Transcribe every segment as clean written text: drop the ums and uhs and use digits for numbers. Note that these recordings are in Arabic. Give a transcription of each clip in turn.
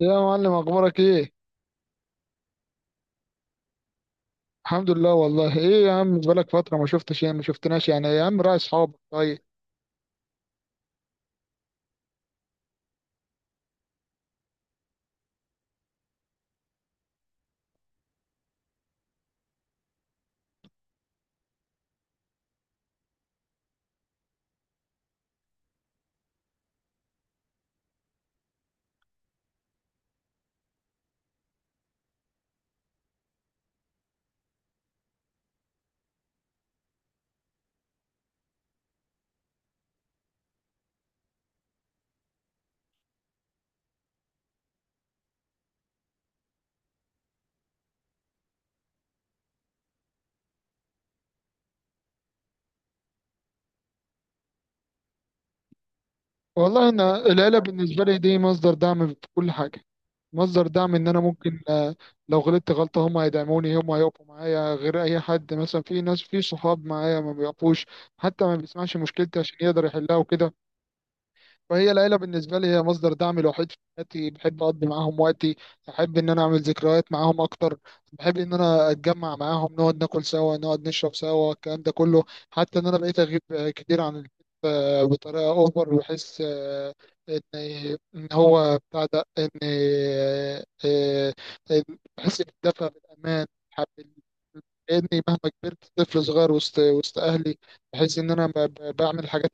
يا معلم، اخبارك ايه؟ الحمد لله والله. ايه يا عم، بقالك فتره ما شفتش، ما شفتناش، يا عم راعي اصحابك طيب. والله انا العيله بالنسبه لي دي مصدر دعم في كل حاجه، مصدر دعم ان انا ممكن لو غلطت غلطه هم هيدعموني، هم هيقفوا معايا غير اي حد. مثلا في ناس، في صحاب معايا ما بيقفوش، حتى ما بيسمعش مشكلتي عشان يقدر يحلها وكده. فهي العيلة بالنسبة لي هي مصدر دعم الوحيد في حياتي. بحب أقضي معاهم وقتي، بحب إن أنا أعمل ذكريات معاهم أكتر، بحب إن أنا أتجمع معاهم، نقعد ناكل سوا، نقعد نشرب سوا، الكلام ده كله. حتى إن أنا بقيت أغيب كتير عن البيت بطريقة أوفر. بحس إن، إن هو بتاع ده إن آه، آه، إن بحس بالدفء، بالأمان، إني مهما كبرت طفل صغير وسط أهلي. بحس إن أنا بعمل الحاجات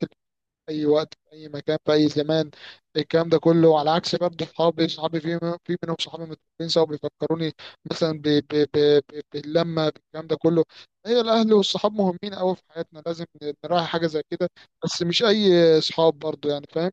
اي وقت، في اي مكان، في اي زمان، الكلام ده كله. على عكس برضه صحابي، صحابي في في منهم صحابي متفقين سوا بيفكروني مثلا باللمه، بالكلام ده كله. هي الاهل والصحاب مهمين قوي في حياتنا، لازم نراعي حاجه زي كده. بس مش اي صحاب برضه، يعني فاهم.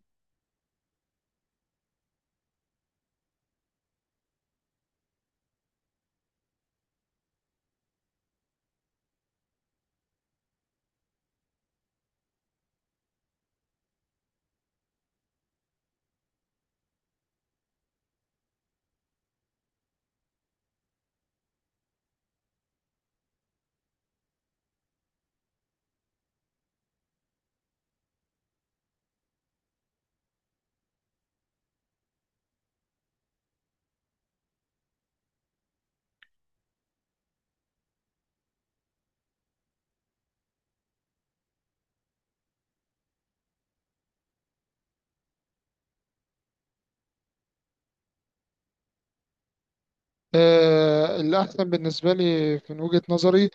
الاحسن بالنسبه لي من وجهه نظري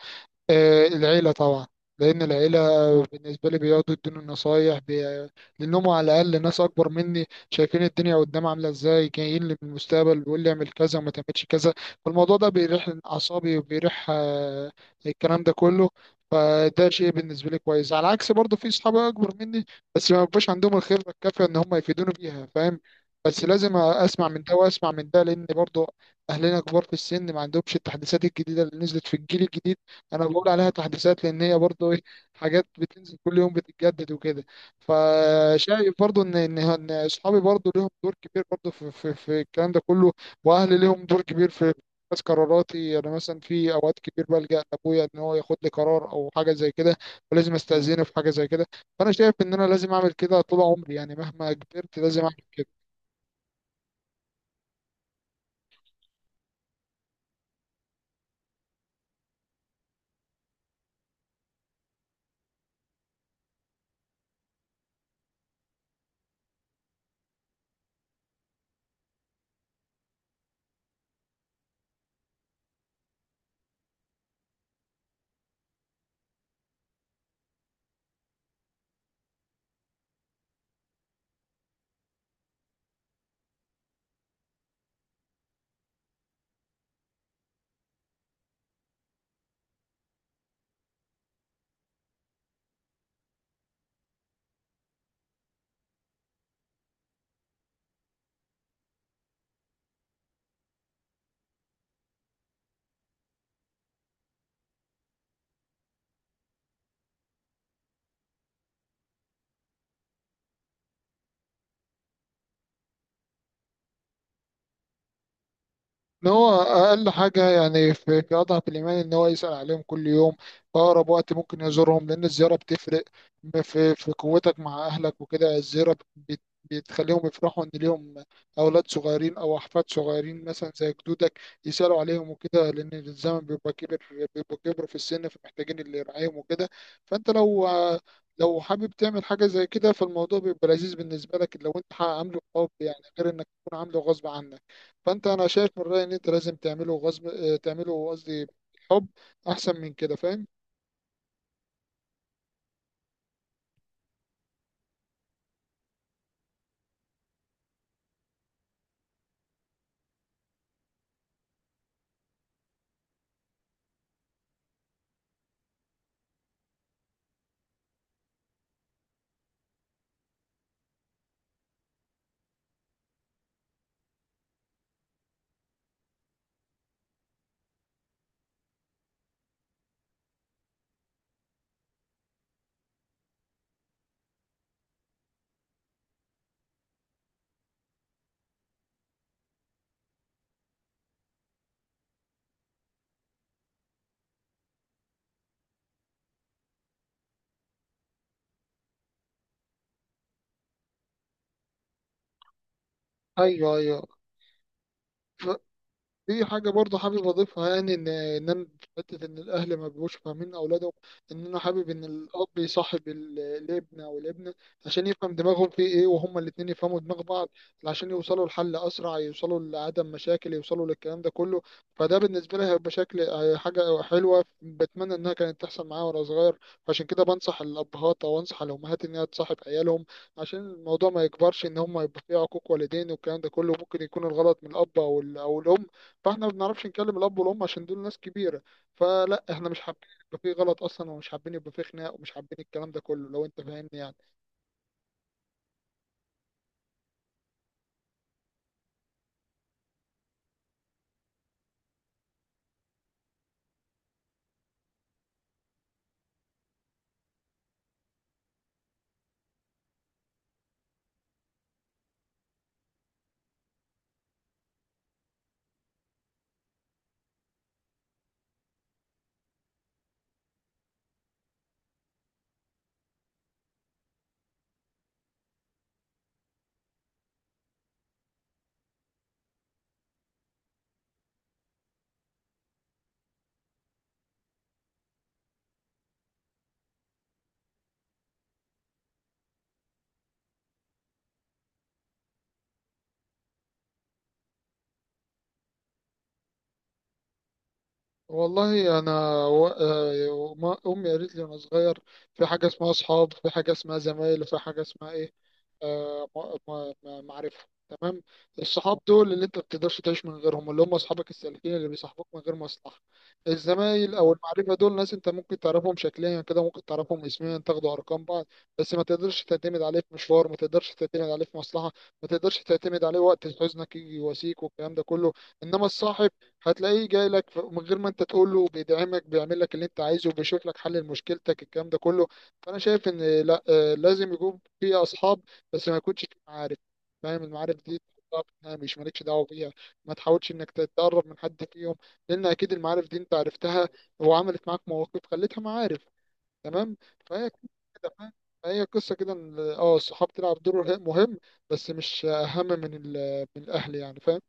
العيلة طبعا. لأن العيلة بالنسبة لي بيقعدوا يدوني النصايح لأنهم على الأقل ناس أكبر مني، شايفين الدنيا قدام عاملة إزاي، جايين لي من المستقبل بيقول لي اعمل كذا وما تعملش كذا. فالموضوع ده بيريح أعصابي وبيريح الكلام ده كله. فده شيء بالنسبة لي كويس. على عكس برضه في أصحاب أكبر مني بس ما بيبقاش عندهم الخبرة الكافية إن هم يفيدوني بيها، فاهم. بس لازم أسمع من ده وأسمع من ده، لأن برضه أهلنا كبار في السن ما عندهمش التحديثات الجديدة اللي نزلت في الجيل الجديد. انا بقول عليها تحديثات لان هي برضه ايه، حاجات بتنزل كل يوم، بتتجدد وكده. فشايف برضه ان إن اصحابي برضه ليهم دور كبير برضه في الكلام ده كله، واهلي ليهم دور كبير في بس قراراتي انا. مثلا في اوقات كتير بلجأ لابويا ان هو ياخد لي قرار او حاجه زي كده، ولازم استأذنه في حاجه زي كده. فانا شايف ان انا لازم اعمل كده طول عمري، يعني مهما كبرت لازم اعمل كده. ان هو اقل حاجه يعني، في في اضعف الايمان ان هو يسال عليهم كل يوم، في اقرب وقت ممكن يزورهم، لان الزياره بتفرق في قوتك مع اهلك وكده. الزياره بتخليهم يفرحوا ان ليهم اولاد صغيرين او احفاد صغيرين مثلا زي جدودك يسالوا عليهم وكده، لان الزمن بيبقى كبر، بيبقى كبر في السن، فمحتاجين اللي يرعاهم وكده. فانت لو، لو حابب تعمل حاجه زي كده فالموضوع بيبقى لذيذ بالنسبه لك لو انت عامله حب، يعني غير انك تكون عامله غصب عنك. فانت انا شايف من رايي ان انت لازم تعمله غصب آه، تعمله قصدي حب، احسن من كده فاهم. ايوه. في حاجة برضه حابب أضيفها، يعني إن أنا في حتة إن الأهل ما بيبقوش فاهمين أولادهم. إن أنا حابب إن الأب يصاحب الابن أو الابنة عشان يفهم دماغهم في إيه وهما الاتنين يفهموا دماغ بعض، عشان يوصلوا لحل أسرع، يوصلوا لعدم مشاكل، يوصلوا للكلام ده كله. فده بالنسبة لي هيبقى شكل، هي حاجة حلوة بتمنى إنها كانت تحصل معايا وأنا صغير. فعشان كده بنصح الأبهات أو أنصح الأمهات إنها تصاحب عيالهم عشان الموضوع ما يكبرش إن هما يبقى فيه عقوق والدين والكلام ده كله. ممكن يكون الغلط من الأب أو الأم، فاحنا ما بنعرفش نكلم الاب والام عشان دول ناس كبيره. فلا، احنا مش حابين يبقى في غلط اصلا، ومش حابين يبقى في خناق، ومش حابين الكلام ده كله، لو انت فاهمني يعني. والله انا امي قالت لي وانا صغير في حاجه اسمها اصحاب، في حاجه اسمها زمايل، وفي حاجه اسمها ايه آه، ما- ما- ما- معرفه، تمام. الصحاب دول اللي انت ما بتقدرش تعيش من غيرهم، اللي هم اصحابك السالكين اللي بيصاحبوك من غير مصلحه. الزمايل او المعرفه دول ناس انت ممكن تعرفهم شكليا كده، ممكن تعرفهم اسميا، تاخدوا ارقام بعض، بس ما تقدرش تعتمد عليه في مشوار، ما تقدرش تعتمد عليه في مصلحه، ما تقدرش تعتمد عليه وقت حزنك يجي يواسيك والكلام ده كله. انما الصاحب هتلاقيه جاي لك من غير ما انت تقول له، بيدعمك، بيعمل لك اللي انت عايزه، وبيشوف لك حل لمشكلتك، الكلام ده كله. فانا شايف ان لا آه، لازم يكون في اصحاب بس ما يكونش في معارف، فاهم. المعارف دي تحطها في الهامش، مالكش دعوه بيها، ما تحاولش انك تتقرب من حد فيهم، لان اكيد المعارف دي انت عرفتها وعملت معاك مواقف خلتها معارف، تمام. فهي كده فاهم؟ فهي قصه كده ان الصحاب تلعب دور مهم، بس مش اهم من من الاهل، يعني فاهم.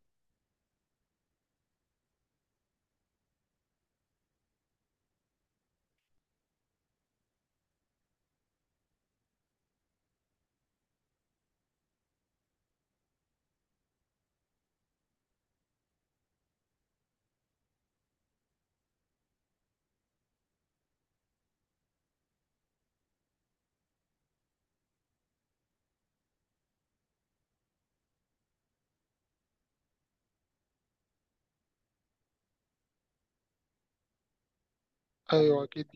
ايوه اكيد.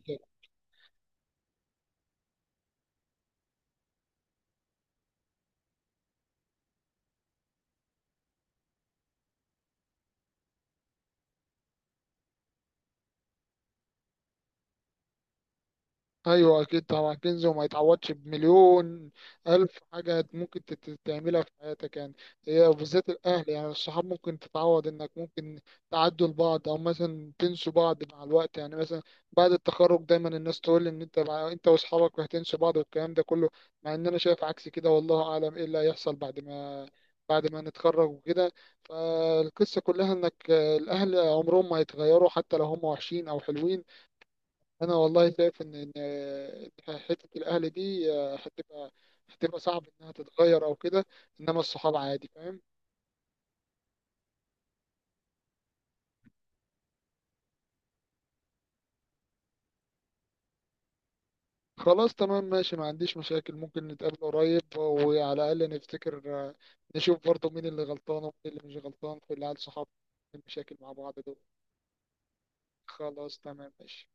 ايوه اكيد طبعا، كنز وما يتعوضش بمليون الف حاجه ممكن تعملها في حياتك، يعني هي بالذات الاهل. يعني الصحاب ممكن تتعوض، انك ممكن تعدوا لبعض او مثلا تنسوا بعض مع الوقت، يعني مثلا بعد التخرج دايما الناس تقول ان انت انت واصحابك هتنسوا بعض والكلام ده كله، مع ان انا شايف عكس كده، والله اعلم ايه اللي هيحصل بعد ما، بعد ما نتخرج وكده. فالقصة كلها انك الاهل عمرهم ما هيتغيروا حتى لو هم وحشين او حلوين. انا والله شايف ان حته الاهل دي هتبقى، هتبقى صعب انها تتغير او كده، انما الصحاب عادي فاهم. خلاص تمام ماشي، ما عنديش مشاكل، ممكن نتقابل قريب وعلى الاقل نفتكر، نشوف برضه مين اللي غلطان ومين اللي مش غلطان في العيال صحاب المشاكل مع بعض دول. خلاص تمام ماشي.